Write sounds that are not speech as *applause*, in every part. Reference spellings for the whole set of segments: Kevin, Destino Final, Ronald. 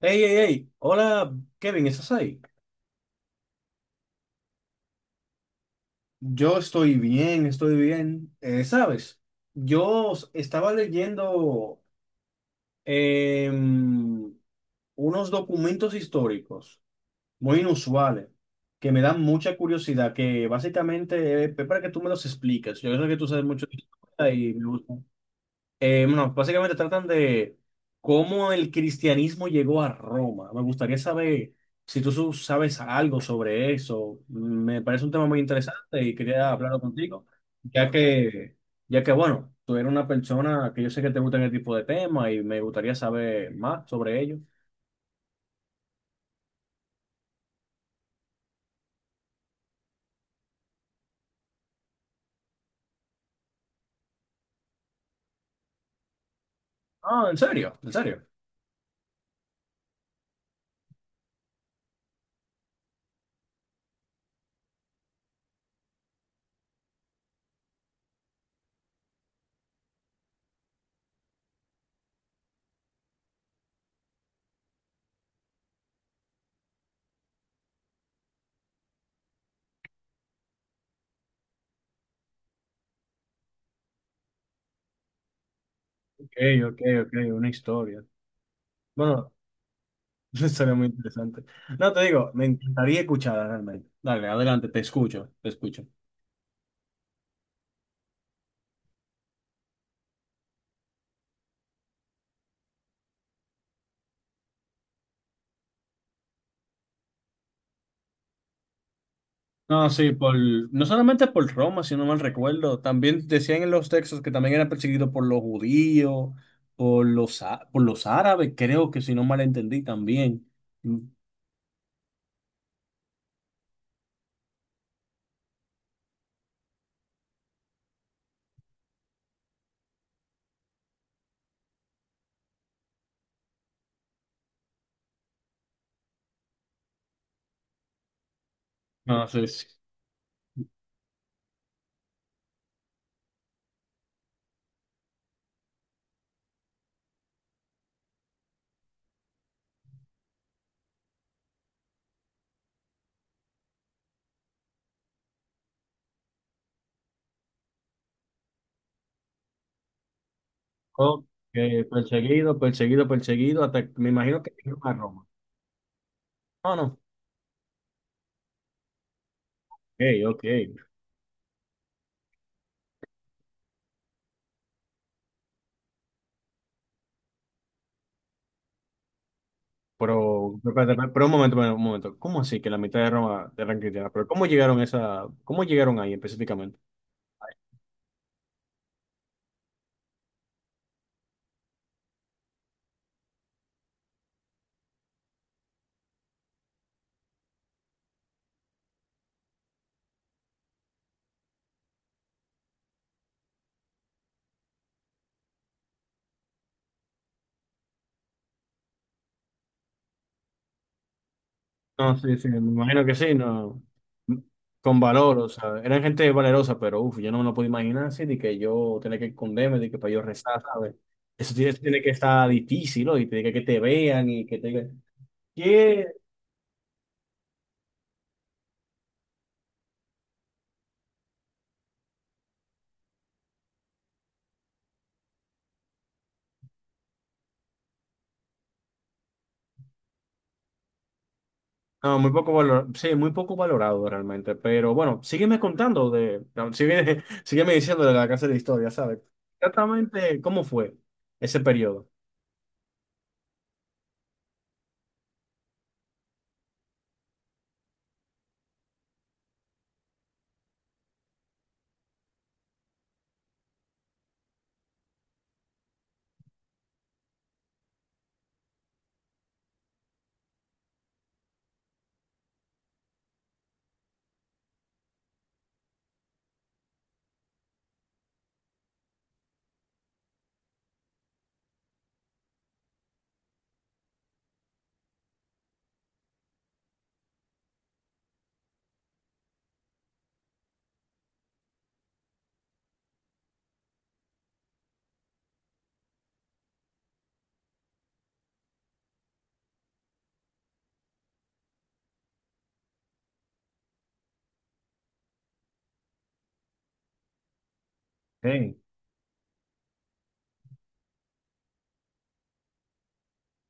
Hey, hey, hey, hola Kevin, ¿estás ahí? Yo estoy bien, estoy bien. ¿Sabes? Estaba leyendo em, unos documentos históricos muy inusuales que me dan mucha curiosidad, que básicamente es para que tú me los expliques. Yo sé que tú sabes mucho de historia y me gusta. Bueno, básicamente tratan de cómo el cristianismo llegó a Roma. Me gustaría saber si sabes algo sobre eso. Me parece un tema muy interesante y quería hablarlo contigo, ya que, ya que, bueno, tú eres una persona que yo sé que te gusta este tipo de temas y me gustaría saber más sobre ello. Ah, ¿en serio? ¿En serio? Ok, ok, ok, una historia. Bueno, *laughs* una historia muy interesante. No, te digo, me encantaría escucharla realmente. Dale, adelante, te escucho, te escucho. No, sí, no solamente por Roma, si no mal recuerdo, también decían en los textos que también eran perseguidos por los judíos, por los árabes, creo que si no mal entendí también. No sé, sí. Ok, perseguido, perseguido, perseguido, hasta que me imagino que llegaron a Roma. No, no, ok, ok. Pero, espérate, espérate, pero un momento, un momento. ¿Cómo así que la mitad de Roma eran cristianas? Pero ¿cómo llegaron a esa, cómo llegaron ahí específicamente? No, sí, sí, me imagino que sí, no. Con valor, o sea, eran gente valerosa, pero uff, yo no me lo puedo imaginar así, de que yo tenía que esconderme, de que para yo rezar, ¿sabes? Eso tiene, tiene que estar difícil, ¿no? Y tiene que te vean y que te digan, ¿qué? No, muy poco valor, sí, muy poco valorado realmente, pero bueno, sígueme contando de, no, sígueme, *laughs* sígueme diciendo de la clase de historia, ¿sabes? Exactamente, ¿cómo fue ese periodo? Sí.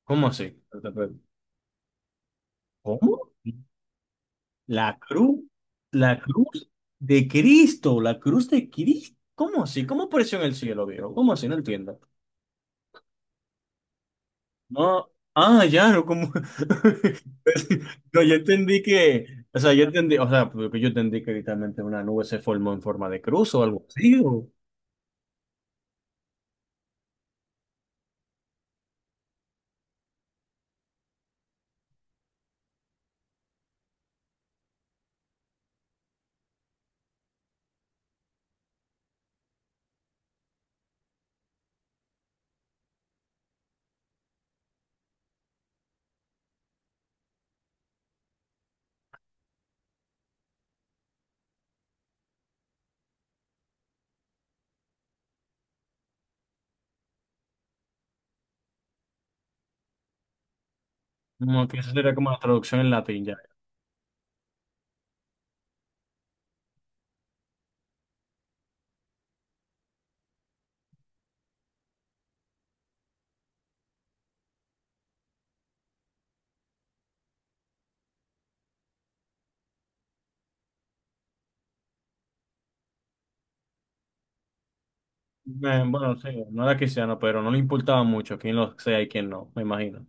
¿Cómo así? ¿Cómo? La cruz, la cruz de Cristo, la cruz de Cristo. ¿Cómo así? ¿Cómo apareció en el cielo, viejo? ¿Cómo así? No entiendo. No, ah, ya, no, como. *laughs* No, yo entendí que, o sea, yo entendí, o sea, porque yo entendí que literalmente una nube se formó en forma de cruz o algo así, o como que eso sería como la traducción en latín ya. Bueno, sí, no era cristiano, pero no le importaba mucho quién lo sea y quién no, me imagino.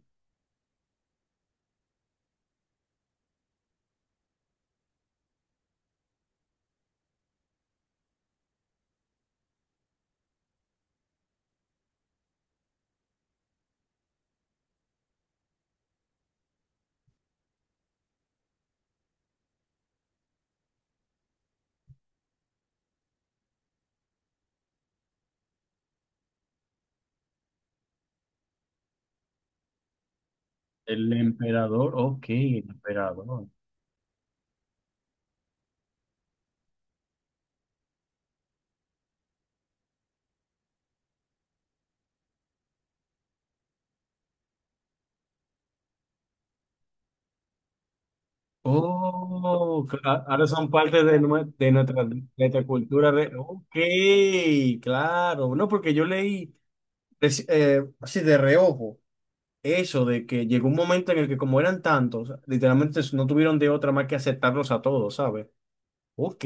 El emperador, ok, el emperador. Oh, ca- Ahora son parte de, de nuestra cultura. De, ok, claro. No, porque yo leí así de reojo eso de que llegó un momento en el que como eran tantos, literalmente no tuvieron de otra más que aceptarlos a todos, ¿sabes? Ok,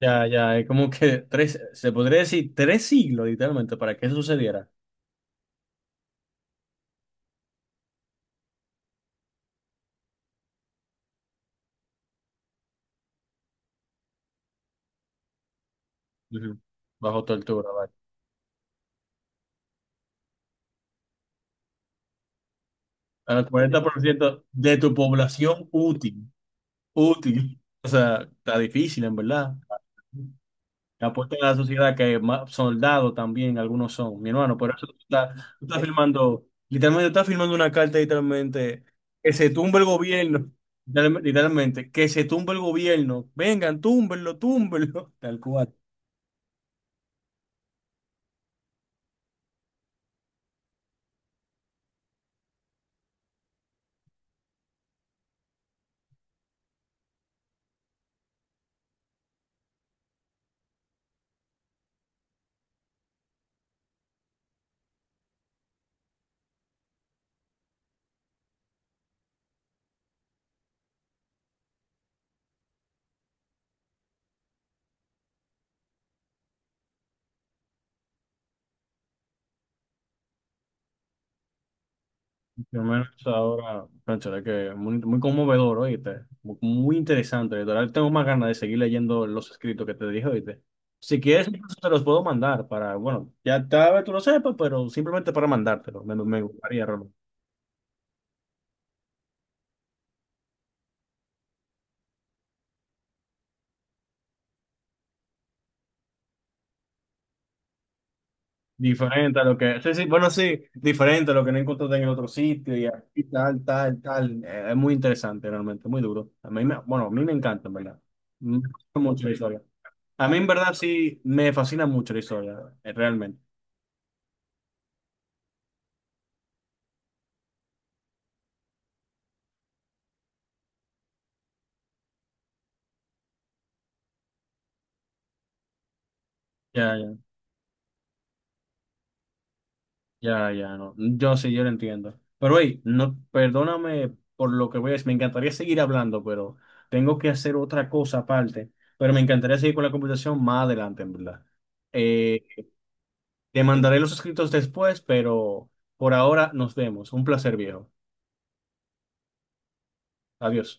ya, ya, es como que tres, se podría decir tres siglos literalmente para que eso sucediera. Ujú. Bajo tortura, vale. Al 40% de tu población útil, útil. O sea, está difícil, en verdad. La apuesta a la sociedad que más soldados también algunos son, mi hermano. Por eso tú estás firmando, literalmente estás firmando una carta, literalmente, que se tumbe el gobierno. Literalmente, que se tumbe el gobierno. Vengan, túmbenlo, túmbenlo. *laughs* Tal cual. Mi hermano, eso ahora, cónchale, que muy, muy conmovedor, oíste. Muy interesante, literal. Tengo más ganas de seguir leyendo los escritos que te dije, oíste. Si quieres, incluso te los puedo mandar para, bueno, ya tal vez tú lo sepas, pero simplemente para mandártelo. Me gustaría, Ronald. Diferente a lo que, sí, sí, bueno, sí, diferente a lo que no encontraste en el otro sitio y así, tal, tal, tal. Es muy interesante realmente, muy duro. A mí me, bueno, a mí me encanta, en verdad. Me gusta mucho la historia. A mí en verdad sí me fascina mucho la historia, realmente. Ya, ya, ya, ya, no. Yo sí, yo lo entiendo. Pero hey, no, perdóname por lo que voy a decir. Me encantaría seguir hablando, pero tengo que hacer otra cosa aparte. Pero me encantaría seguir con la conversación más adelante, en verdad. Eh, Te mandaré los escritos después, pero por ahora nos vemos. Un placer, viejo. Adiós.